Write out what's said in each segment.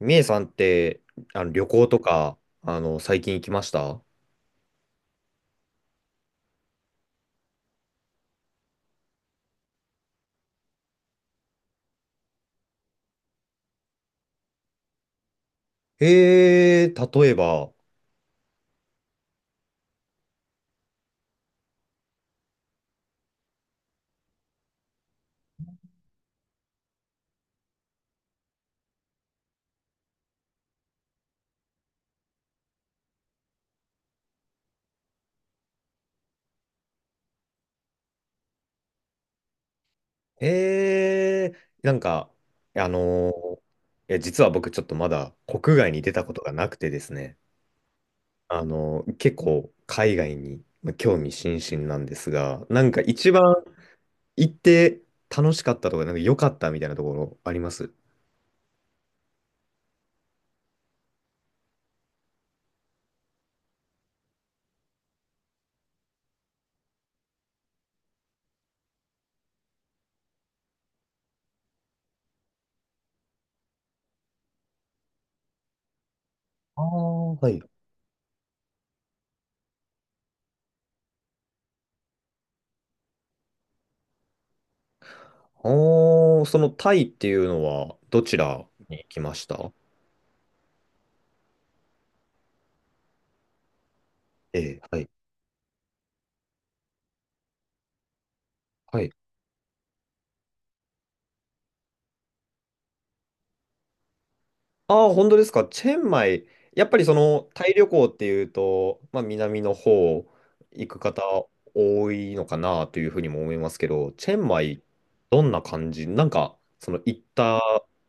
みえさんって、旅行とか、最近行きました？例えば？えー、なんか、あのーいや、実は僕ちょっとまだ国外に出たことがなくてですね、結構海外にまあ興味津々なんですが、なんか一番行って楽しかったとか、なんか良かったみたいなところあります？ああー、はい。ああ、そのタイっていうのはどちらに行きました？ええ、はい。はい。ああ、本当ですか。チェンマイ。やっぱりそのタイ旅行っていうと、まあ、南の方行く方多いのかなというふうにも思いますけど、チェンマイ、どんな感じ、なんか、その行った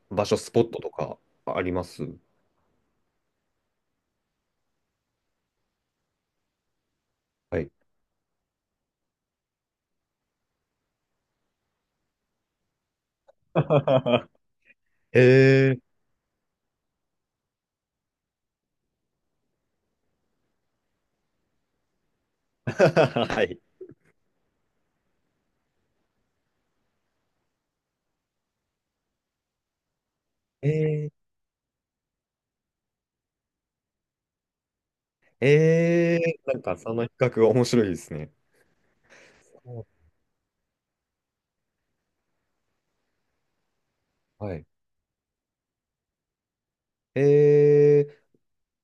場所、スポットとかあります？はい。えー。はい。えー、えなんかその比較面白いですね。はい。え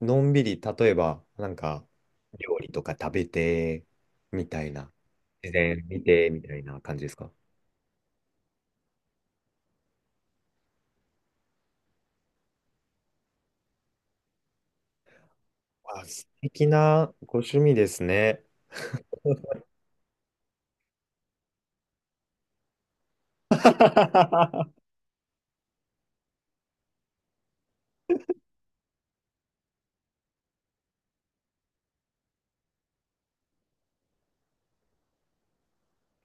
ー、のんびり、例えば、なんか、料理とか食べて、みたいな、自然見て、みたいな感じですか？あ、素敵なご趣味ですね。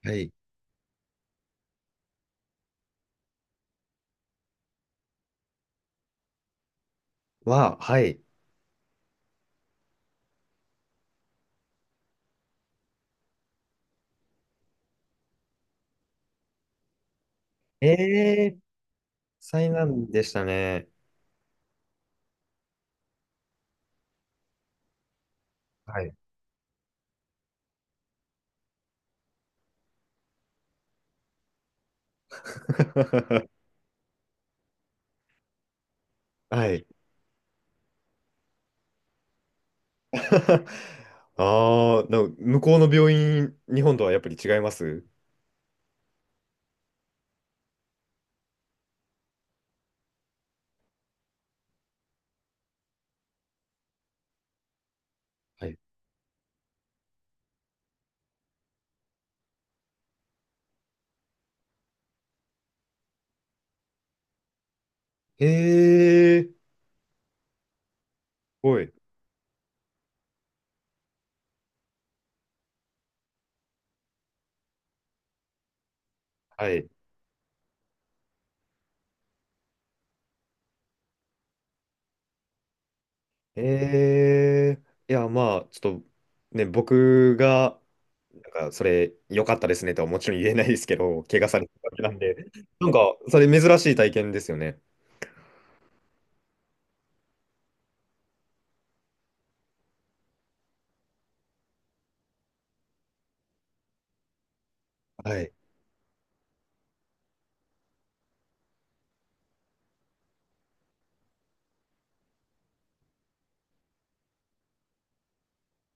はい。はい。ええー、災難でしたね。はい。はい。ああ、でも向こうの病院、日本とはやっぱり違います？はい。ええー、すごい。はい。えいや、まあ、ちょっとね、僕が、なんか、それ、良かったですねとはもちろん言えないですけど、怪我されたわけなんで、なんか、それ、珍しい体験ですよね。はい。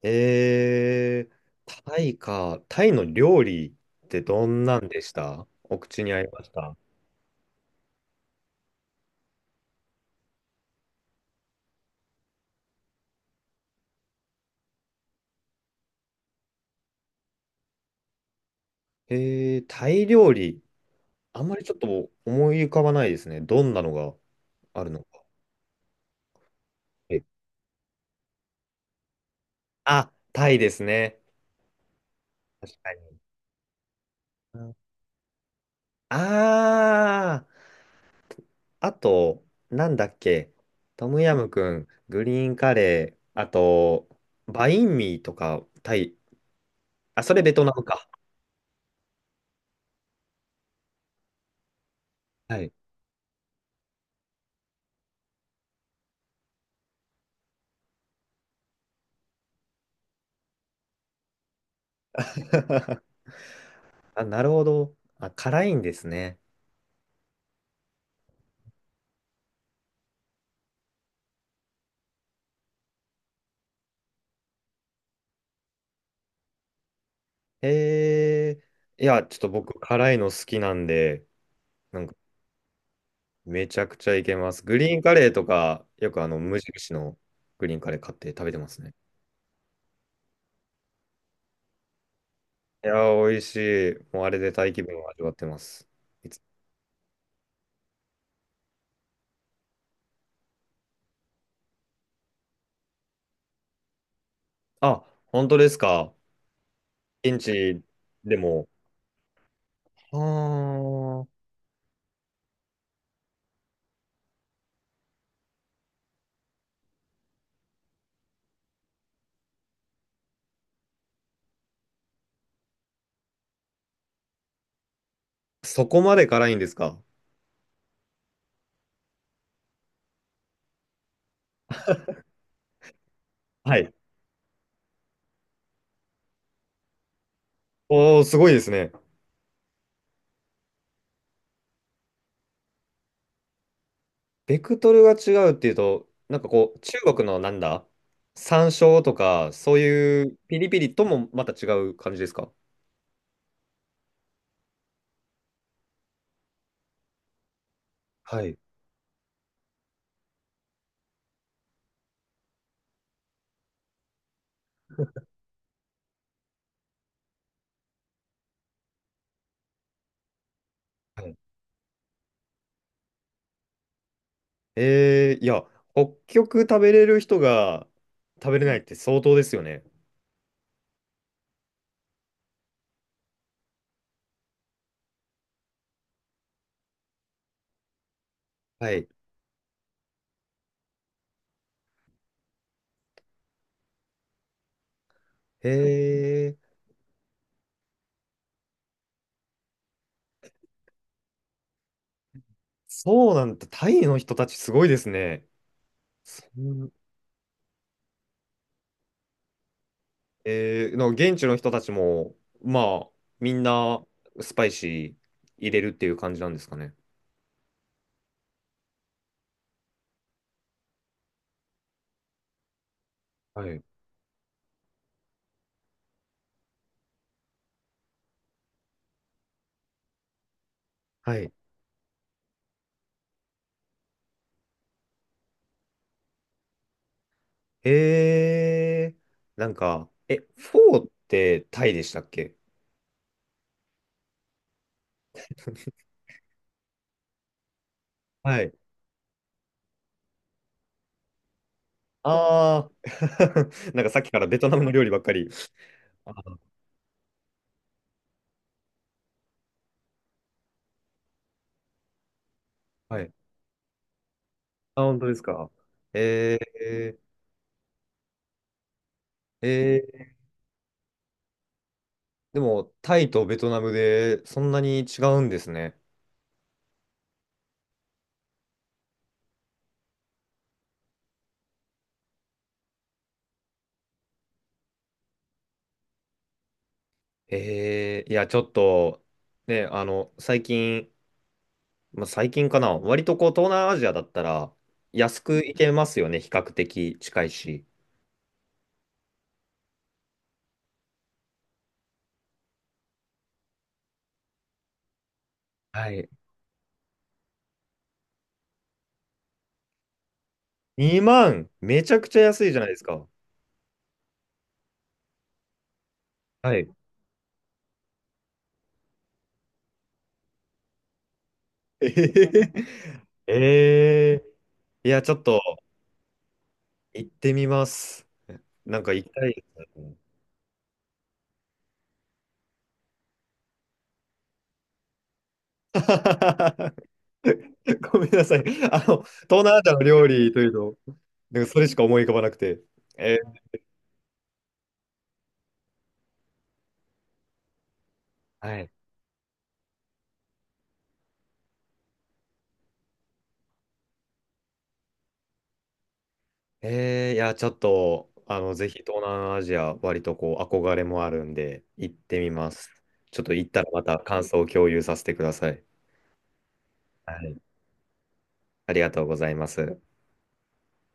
えー、タイか、タイの料理ってどんなんでした？お口に合いました？えー、タイ料理、あんまりちょっと思い浮かばないですね。どんなのがあるのか。えあ、タイですね。確かに。ああー。あと、なんだっけ、トムヤム君、グリーンカレー、あと、バインミーとか、タイ、あ、それベトナムか。はい。あ、なるほど。あ、辛いんですね。へえ。いや、ちょっと僕、辛いの好きなんで、なんか、めちゃくちゃいけます。グリーンカレーとか、よく無印のグリーンカレー買って食べてますね。いやー、美味しい。もうあれでタイ気分を味わってます。いつあ、本当ですか？現地でも。あー、そこまで辛いんですか。はい。おー、すごいですね。ベクトルが違うっていうと、なんかこう、中国のなんだ、山椒とか、そういうピリピリともまた違う感じですか？はい。はい。いや、北極食べれる人が食べれないって相当ですよね。はい。へえー、そうなんだ。タイの人たちすごいですね。そんな。なんか現地の人たちも、まあ、みんなスパイシー入れるっていう感じなんですかね。はい。はい。えー、なんか、フォーってタイでしたっけ？はい。あー なんかさっきからベトナムの料理ばっかり。あ、はい。あ、本当ですか。えー、えー、でも、タイとベトナムでそんなに違うんですね。いや、ちょっと、ね、最近、まあ、最近かな、割とこう東南アジアだったら安く行けますよね、比較的近いし。はい。2万、めちゃくちゃ安いじゃないですか。はい。えー、えーいや、ちょっと行ってみます。なんか行きたいですね。ごめんなさい。東南アジアの料理というと、なんかそれしか思い浮かばなくて。えーはい。いや、ちょっと、ぜひ東南アジア、割とこう、憧れもあるんで、行ってみます。ちょっと行ったらまた感想を共有させてください。はい。ありがとうございます。